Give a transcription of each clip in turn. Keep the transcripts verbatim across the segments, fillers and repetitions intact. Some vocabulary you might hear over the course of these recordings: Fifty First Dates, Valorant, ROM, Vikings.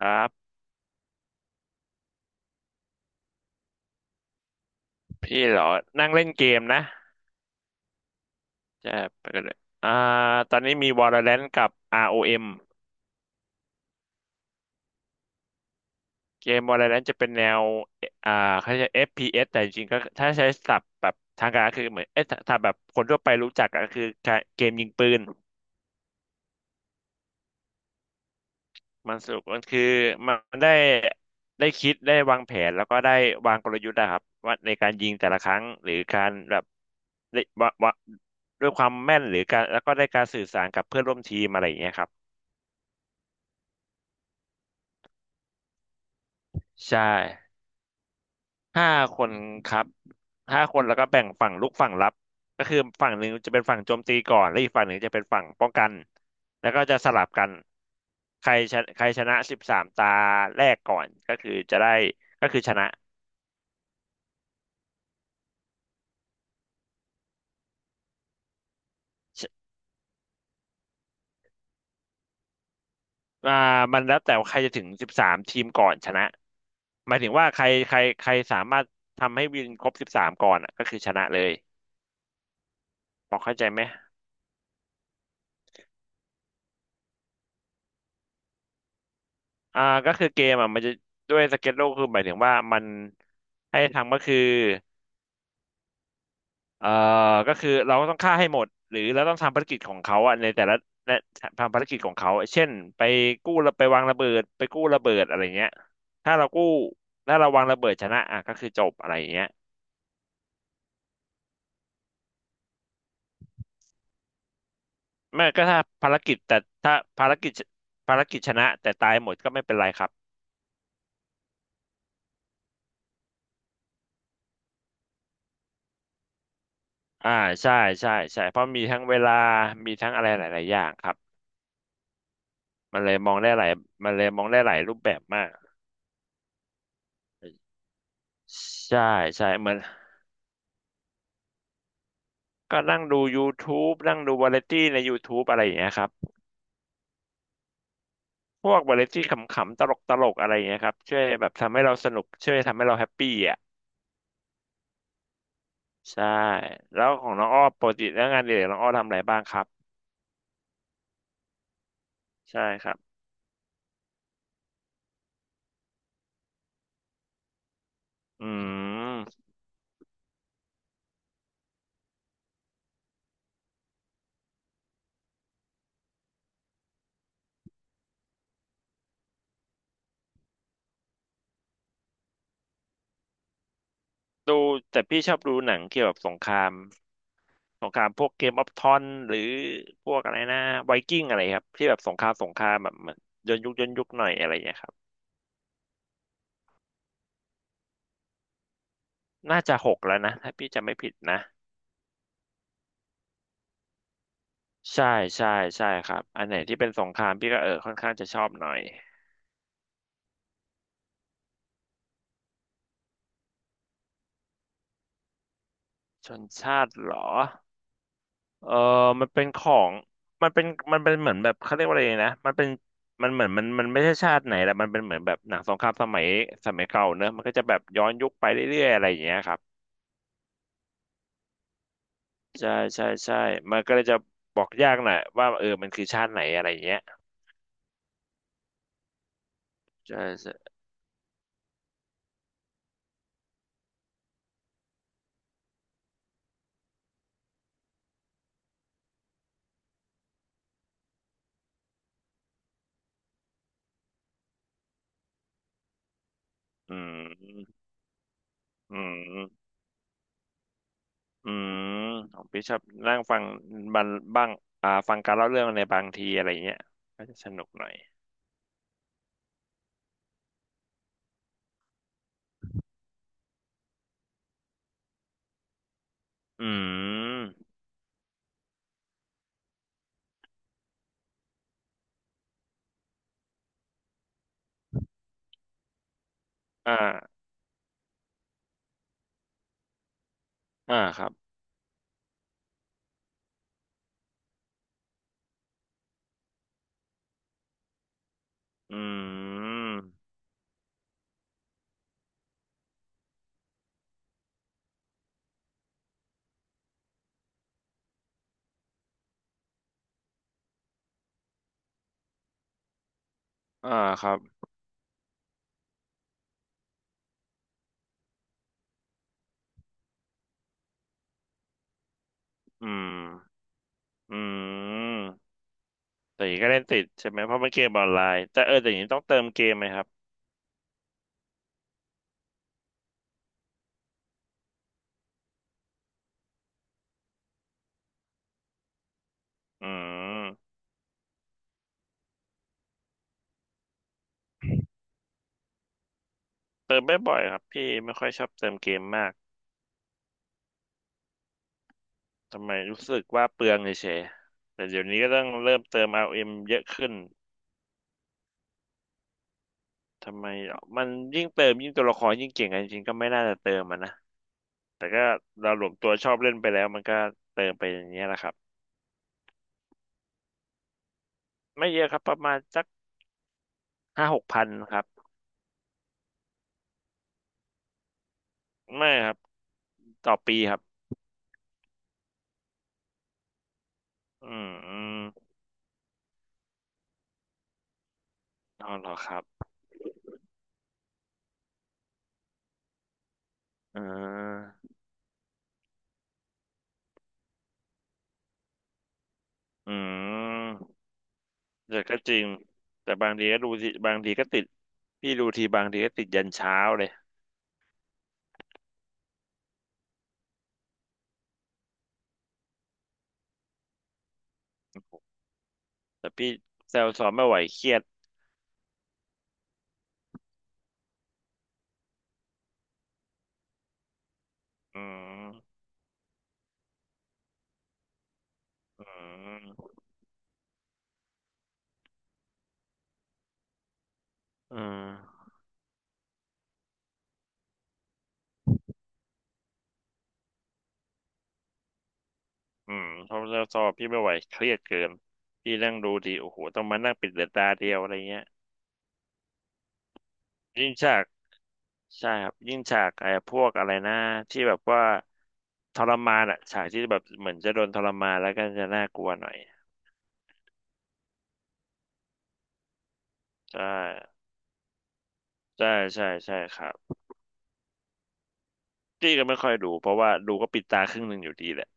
ครับพี่เหรอนั่งเล่นเกมนะจะไปกันเลยอ่าตอนนี้มี Valorant กับ ROM เอ็มเกม Valorant จะเป็นแนวอ่าเขาจะ เอฟ พี เอส แต่จริงๆก็ถ้าใช้ศัพท์แบบทางการก็คือเหมือนเอ๊ะถ้าถ้าแบบคนทั่วไปรู้จักก็คือการเกมยิงปืนมันสนุกมันคือมันได้ได้คิดได้วางแผนแล้วก็ได้วางกลยุทธ์นะครับว่าในการยิงแต่ละครั้งหรือการแบบได้วะวะด้วยความแม่นหรือการแล้วก็ได้การสื่อสารกับเพื่อนร่วมทีมอะไรอย่างเงี้ยครับใช่ ห้าคนครับห้าคนแล้วก็แบ่งฝั่งรุกฝั่งรับก็คือฝั่งหนึ่งจะเป็นฝั่งโจมตีก่อนและอีกฝั่งหนึ่งจะเป็นฝั่งป้องกันแล้วก็จะสลับกันใครชนะใครชนะสิบสามตาแรกก่อนก็คือจะได้ก็คือชนะชอ่ามันแล้วแต่ว่าใครจะถึงสิบสามทีมก่อนชนะหมายถึงว่าใครใครใครสามารถทำให้วินครบสิบสามก่อนอะก็คือชนะเลยพอเข้าใจไหมอ่าก็คือเกมอ่ะมันจะด้วยสเก็ตโลกคือหมายถึงว่ามันให้ทำก็คือ เอ่อก็คือเราต้องฆ่าให้หมดหรือเราต้องทำภารกิจของเขาอะในแต่ละและทำภารกิจของเขาเช่นไปกู้ระไปวางระเบิดไปกู้ระเบิดอะไรเงี้ยถ้าเรากู้ถ้าเราวางระเบิดชนะอ่ะก็คือจบอะไรเงี้ยไม่ก็ถ้าภารกิจแต่ถ้าภารกิจภารกิจชนะแต่ตายหมดก็ไม่เป็นไรครับอ่าใช่ใช่ใช่ เพราะมีทั้งเวลามีทั้งอะไรหลายๆอย่างครับมันเลยมองได้หลายมันเลยมองได้หลายรูปแบบมากใช่ใช่เหมือน ก็นั่งดู YouTube นั่งดูวาไรตี้ใน YouTube อะไรอย่างเงี้ยครับพวกวาไรตี้ขำๆตลกๆอะไรอย่างเงี้ยครับช่วยแบบทำให้เราสนุกช่วยทำให้เราแฮปปี้อ่ะใช่แล้วของน้องอ้อปกติแล้วงานอดิเรกน้องอ้อทำอะไรบ้างครับใช่ครับอืมดูแต่พี่ชอบดูหนังเกี่ยวกับสงครามสงครามพวกเกมออฟทอนหรือพวกอะไรนะไวกิ้งอะไรครับที่แบบสงครามสงครามแบบเหมือนย้อนยุคย้อนยุคหน่อยอะไรอย่างเงี้ยครับน่าจะหกแล้วนะถ้าพี่จำไม่ผิดนะ ใช่ใช่ใช่ครับอันไหนที่เป็นสงครามพี่ก็เออค่อนข้างจะชอบหน่อยชนชาติเหรอเออมันเป็นของมันเป็นมันเป็นเหมือนแบบเขาเรียกว่าอะไรนะมันเป็นมันเหมือนมันมันไม่ใช่ชาติไหนแหละมันเป็นเหมือนแบบหนังสงครามสมัยสมัยเก่าเนอะมันก็จะแบบย้อนยุคไปเรื่อยๆอะไรอย่างเงี้ยครับใช่ใช่ใช่มันก็เลยจะบอกยากหน่อยว่าเออมันคือชาติไหนอะไรอย่างเงี้ยใช่ใช่อืมอืม อืมของพี่ชอบนั่งฟังบันบ้างอ่าฟังการเล่าเรื่องในบางทีอะไรเงี้ยก็จะสนุกหน่อยอืมอ่าอ่าครับอืมอ่าครับอืมอืมแต่อย่างนี้ก็เล่นติดใช่ไหมเพราะมันเกมออนไลน์แต่เออแต่อย่างนี้ต้องเติมเกมไหมครับอืมเติมไม่บ่อยครับพี่ไม่ค่อยชอบเติมเกมมากทำไมรู้สึกว่าเปลืองเฉยๆแต่เดี๋ยวนี้ก็ต้องเริ่มเติม อาร์ เอ็ม เอ็มเยอะขึ้น ทำไมอ่ะมันยิ่งเติมยิ่งตัวละครยิ่งเก่งกันจริงๆก็ไม่น่าจะเติมมันนะแต่ก็เราหลวมตัวชอบเล่นไปแล้วมันก็เติมไปอย่างเงี้ยแหละครับไม่เยอะครับประมาณสักห้าหกพันครับไม่ครับต่อปีครับอืมอืมอ๋อเหรอครับอ่าอืมแต่ก็จริงแต่บางทีก็ดูสิบางทีก็ติดพี่ดูทีบางทีก็ติดยันเช้าเลยแต่พี่แซวซ้อมไม่ไหวเครียดอืมอืมอืม อืมเพราะเราสอบพี่ไม่ไหวเครียดเกินพี่นั่งดูทีโอ้โหต้องมานั่งปิดเดือตาเดียวอะไรเงี้ยยิ่งฉากใช่ครับยิ่งฉากไอ้พวกอะไรนะที่แบบว่าทรมานอะฉากที่แบบเหมือนจะโดนทรมานแล้วก็จะน่ากลัวหน่อยใช่ใช่ใช่ใช่ครับพี่ก็ไม่ค่อยดูเพราะว่าดูก็ปิดตาครึ่งหนึ่งอยู่ดีแหละ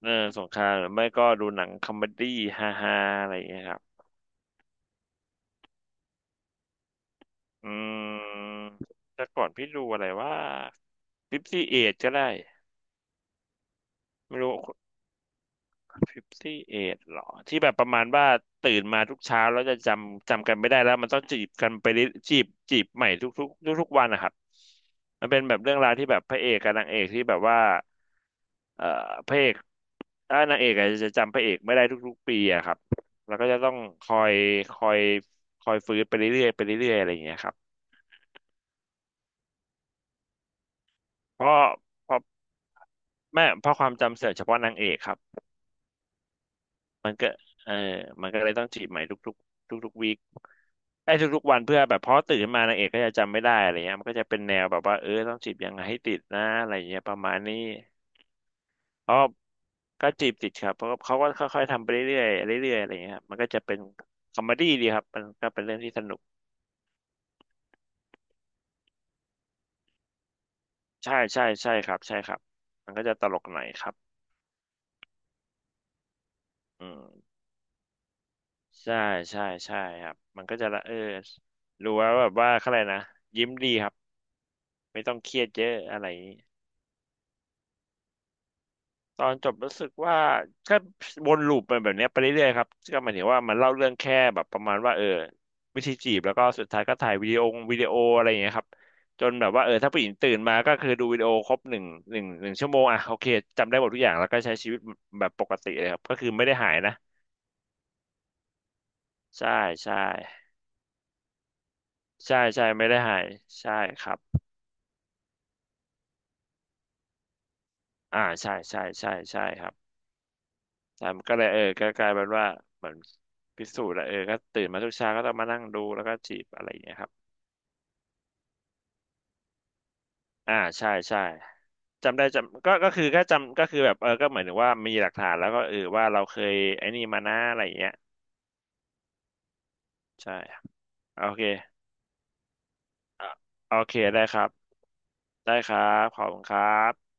เออสงครามหรือไม่ก็ดูหนังคอมเมดี้ฮาฮาอะไรอย่างเงี้ยครับอืมแต่ก่อนพี่ดูอะไรว่าฟิฟตี้เอก็ได้ไม่รู้ ห้าเหรอที่แบบประมาณว่าตื่นมาทุกเช้าแล้วจะจำจำกันไม่ได้แล้วมันต้องจีบกันไปเรื่อยจีบจีบใหม่ทุกทุกทุกทุกๆวันนะครับมันเป็นแบบเรื่องราวที่แบบพระเอกกับนางเอกที่แบบว่าเอ่อพระเอกถ้านางเอกอาจจะจำพระเอกไม่ได้ทุกๆปีอะครับแล้วก็จะต้องคอยคอยคอยฟื้นไปเรื่อยๆไปเรื่อยๆอะไรอย่างเงี้ยครับเพราะเพราะแม่เพราะความจำเสื่อมเฉพาะนางเอกครับ มันก็เออมันก็เลยต้องจีบใหม่ทุกๆทุกๆวีคไอ้ทุกๆวันเพื่อแบบเพราะตื่นขึ้นมานางเอกก็จะจำไม่ได้อะไรเงี้ยมันก็จะเป็นแนวแบบว่าเออต้องจีบยังไงให้ติดนะอะไรเงี้ยประมาณนี้เพราะก็จีบติดครับเพราะเขาก็ค่อยๆทำไปเรื่อยๆเรื่อยๆอะไรเงี้ยครับมันก็จะเป็นคอมเมดี้ดีครับมันก็เป็นเรื่องที่สนุกใช่ใช่ใช่ครับใช่ครับมันก็จะตลกหน่อยครับอืมใช่ใช่ใช่ครับมันก็จะละเออรู้ว่าแบบว่าเขาอะไรนะยิ้มดีครับไม่ต้องเครียดเยอะอะไร ตอนจบรู้สึกว่าก็วนลูปไปแบบเนี้ยไปเรื่อยๆครับก็หมายถึงว่ามันเล่าเรื่องแค่แบบประมาณว่าเออวิธีจีบแล้วก็สุดท้ายก็ถ่ายวิดีโอวิดีโออะไรอย่างเงี้ยครับจนแบบว่าเออถ้าผู้หญิงตื่นมาก็คือดูวิดีโอครบหนึ่งหนึ่งหนึ่งชั่วโมงอ่ะโอเคจำได้หมดทุกอย่างแล้วก็ใช้ชีวิตแบบปกติเลยครับก็คือไม่ได้หายนะใช่ใช่ใช่ใช่ไม่ได้หายใช่ครับอ่าใช่ใช่ใช่ใช่ครับแต่มันก็เลยเออก็กลายเป็นว่าเหมือนพิสูจน์แล้วเออก็ตื่นมาทุกเช้าก็ต้องมานั่งดูแล้วก็จีบอะไรอย่างเงี้ยครับ อ่าใช่ใช่จำได้จำก็ก็คือแค่จำก็คือแบบเออก็เหมือนถึงว่ามีหลักฐานแล้วก็เออว่าเราเคยไอ้นี่มานะอะไรอย่างเงี้ยใช่โอเคอ่ะโอเคได้ครับได้ครับขอบคุณครับ